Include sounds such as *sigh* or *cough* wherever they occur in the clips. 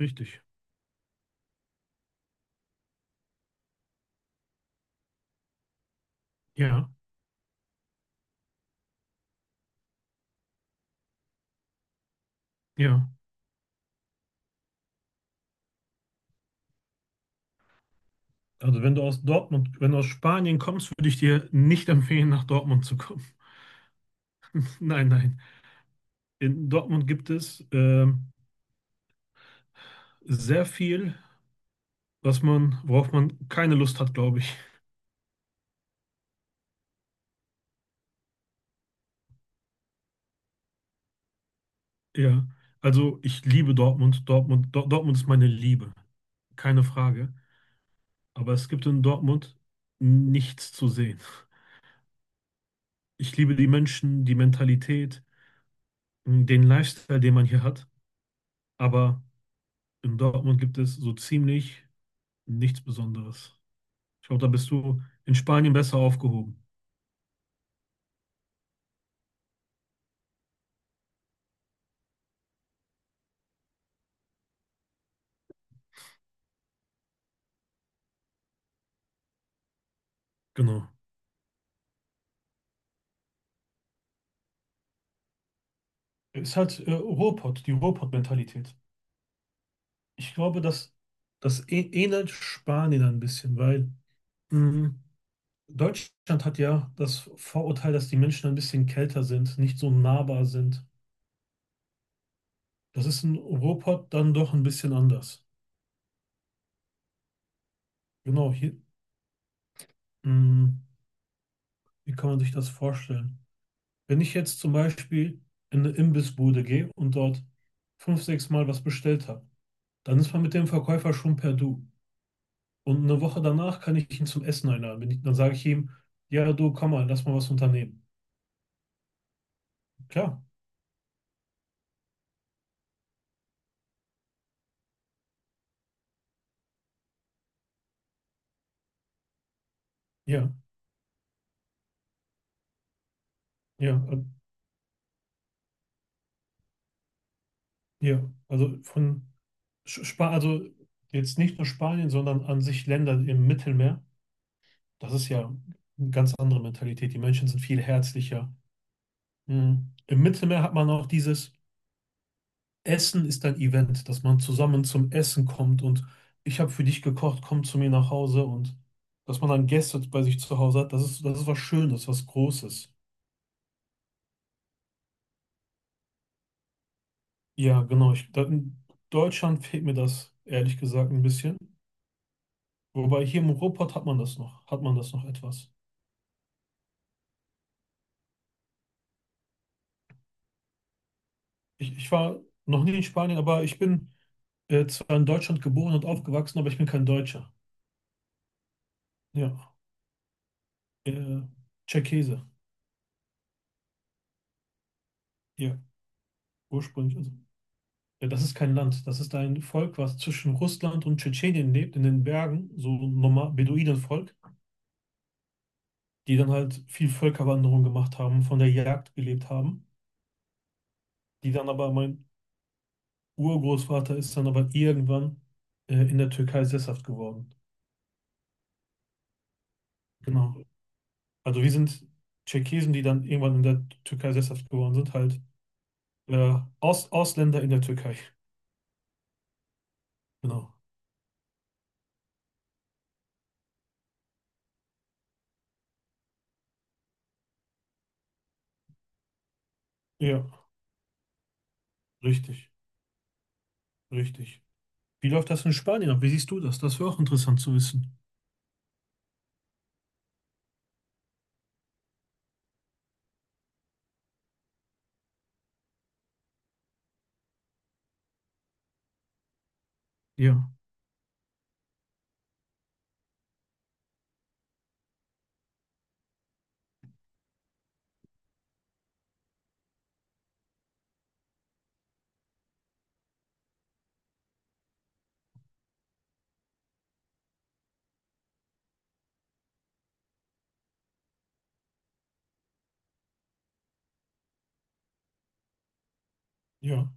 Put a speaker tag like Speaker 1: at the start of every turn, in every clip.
Speaker 1: Richtig. Ja, ja. Also wenn du aus Dortmund, wenn du aus Spanien kommst, würde ich dir nicht empfehlen, nach Dortmund zu kommen. *laughs* Nein, nein. In Dortmund gibt es sehr viel, was man, worauf man keine Lust hat, glaube ich. Ja. Also ich liebe Dortmund. Dortmund, Dortmund ist meine Liebe. Keine Frage. Aber es gibt in Dortmund nichts zu sehen. Ich liebe die Menschen, die Mentalität, den Lifestyle, den man hier hat. Aber in Dortmund gibt es so ziemlich nichts Besonderes. Ich glaube, da bist du in Spanien besser aufgehoben. Genau. Ist halt Ruhrpott, die Ruhrpott-Mentalität. Ich glaube, dass das ähnelt Spanien ein bisschen, weil mh, Deutschland hat ja das Vorurteil, dass die Menschen ein bisschen kälter sind, nicht so nahbar sind. Das ist in Ruhrpott dann doch ein bisschen anders. Genau, hier, mh, wie kann man sich das vorstellen? Wenn ich jetzt zum Beispiel in eine Imbissbude gehe und dort fünf, sechs Mal was bestellt habe, dann ist man mit dem Verkäufer schon per Du. Und eine Woche danach kann ich ihn zum Essen einladen. Wenn ich, dann sage ich ihm, ja, du, komm mal, lass mal was unternehmen. Klar, ja, ja, ja. Also von also jetzt nicht nur Spanien, sondern an sich Länder im Mittelmeer. Das ist ja eine ganz andere Mentalität. Die Menschen sind viel herzlicher. Mhm. Im Mittelmeer hat man auch dieses. Essen ist ein Event, dass man zusammen zum Essen kommt und ich habe für dich gekocht, komm zu mir nach Hause und dass man dann Gäste bei sich zu Hause hat, das ist was Schönes, was Großes. Ja, genau. In Deutschland fehlt mir das, ehrlich gesagt, ein bisschen. Wobei hier im Ruhrpott hat man das noch, hat man das noch etwas. Ich war noch nie in Spanien, aber ich bin zwar in Deutschland geboren und aufgewachsen, aber ich bin kein Deutscher. Ja, äh, Tscherkesse, ja, ursprünglich. Also ja, das ist kein Land, das ist ein Volk, was zwischen Russland und Tschetschenien lebt, in den Bergen, so ein Beduinenvolk, die dann halt viel Völkerwanderung gemacht haben, von der Jagd gelebt haben, mein Urgroßvater ist dann aber irgendwann in der Türkei sesshaft geworden. Genau. Also wir sind Tscherkesen, die dann irgendwann in der Türkei sesshaft geworden sind, halt Ausländer in der Türkei. Genau. Ja, richtig, richtig. Wie läuft das in Spanien ab? Wie siehst du das? Das wäre auch interessant zu wissen. Ja, ja.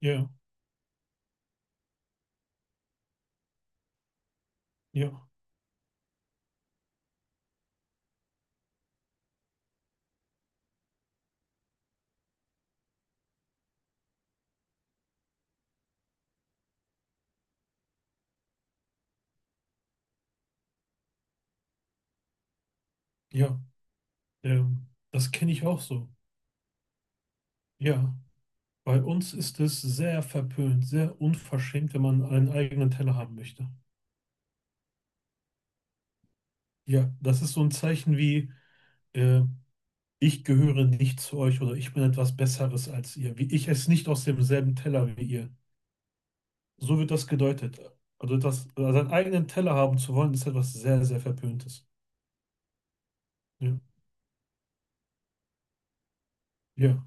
Speaker 1: Ja, ja, ja, ähm, das kenne ich auch so. Ja, bei uns ist es sehr verpönt, sehr unverschämt, wenn man einen eigenen Teller haben möchte. Ja, das ist so ein Zeichen wie, äh, ich gehöre nicht zu euch oder ich bin etwas Besseres als ihr, wie ich esse nicht aus demselben Teller wie ihr. So wird das gedeutet. Also das, also seinen eigenen Teller haben zu wollen, ist etwas sehr, sehr Verpöntes. Ja, ja,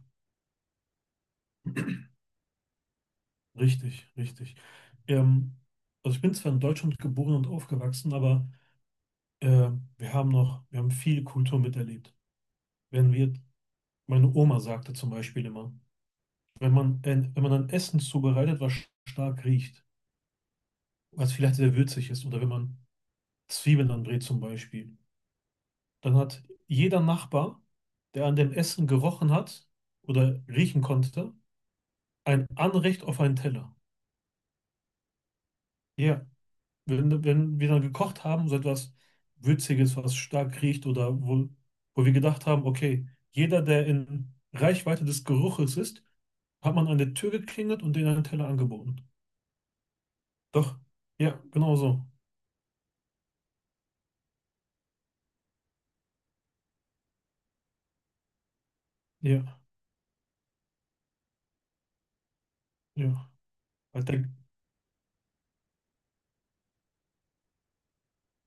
Speaker 1: richtig, richtig. Ähm, also ich bin zwar in Deutschland geboren und aufgewachsen, aber Äh, wir haben noch, wir haben viel Kultur miterlebt. Wenn wir, meine Oma sagte zum Beispiel immer, wenn man, wenn man ein Essen zubereitet, was stark riecht, was vielleicht sehr würzig ist, oder wenn man Zwiebeln anbrät zum Beispiel, dann hat jeder Nachbar, der an dem Essen gerochen hat oder riechen konnte, ein Anrecht auf einen Teller. Ja, wenn wir dann gekocht haben, so etwas Würziges, was stark riecht oder wo, wo wir gedacht haben, okay, jeder, der in Reichweite des Geruches ist, hat man an der Tür geklingelt und denen einen Teller angeboten. Doch, ja, genau so. Ja, ja. Weil der,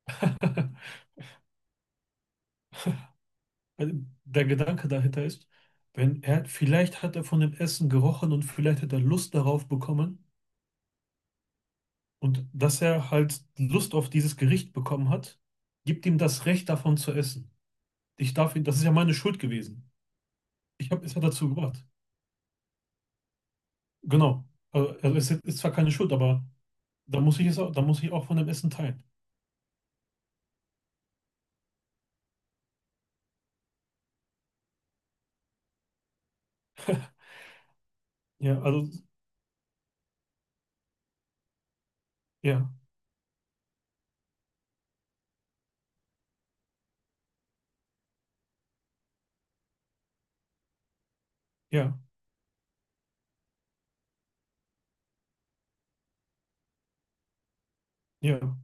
Speaker 1: *laughs* weil der Gedanke dahinter ist, wenn er, vielleicht hat er von dem Essen gerochen und vielleicht hat er Lust darauf bekommen und dass er halt Lust auf dieses Gericht bekommen hat, gibt ihm das Recht davon zu essen. Das ist ja meine Schuld gewesen. Ich habe es ja dazu gebracht. Genau. Also es ist zwar keine Schuld, aber da muss ich auch von dem Essen teilen. Ja, also, ja, ja, ja.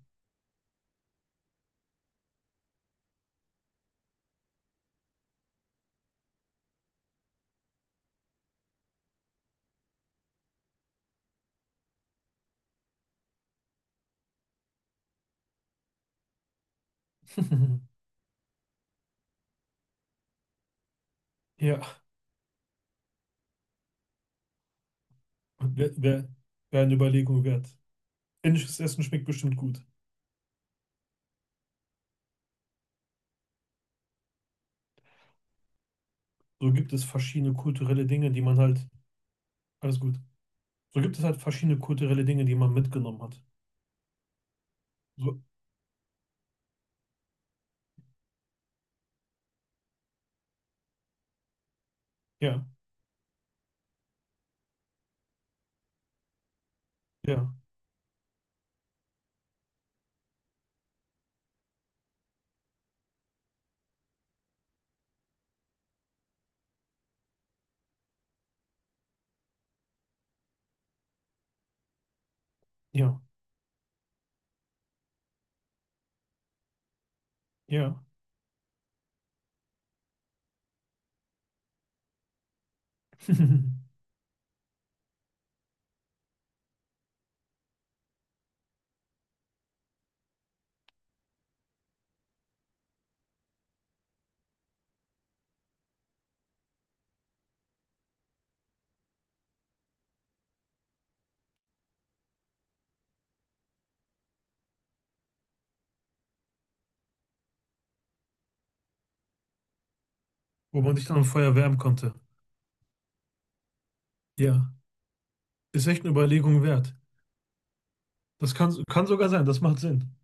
Speaker 1: *laughs* Ja, wäre wär, wär eine Überlegung wert. Indisches Essen schmeckt bestimmt gut. So gibt es verschiedene kulturelle Dinge, die man halt, alles gut. So gibt es halt verschiedene kulturelle Dinge, die man mitgenommen hat. So, ja, ja, ja, ja. *laughs* Wo man sich dann am Feuer wärmen konnte. Ja, ist echt eine Überlegung wert. Das kann, kann sogar sein, das macht Sinn.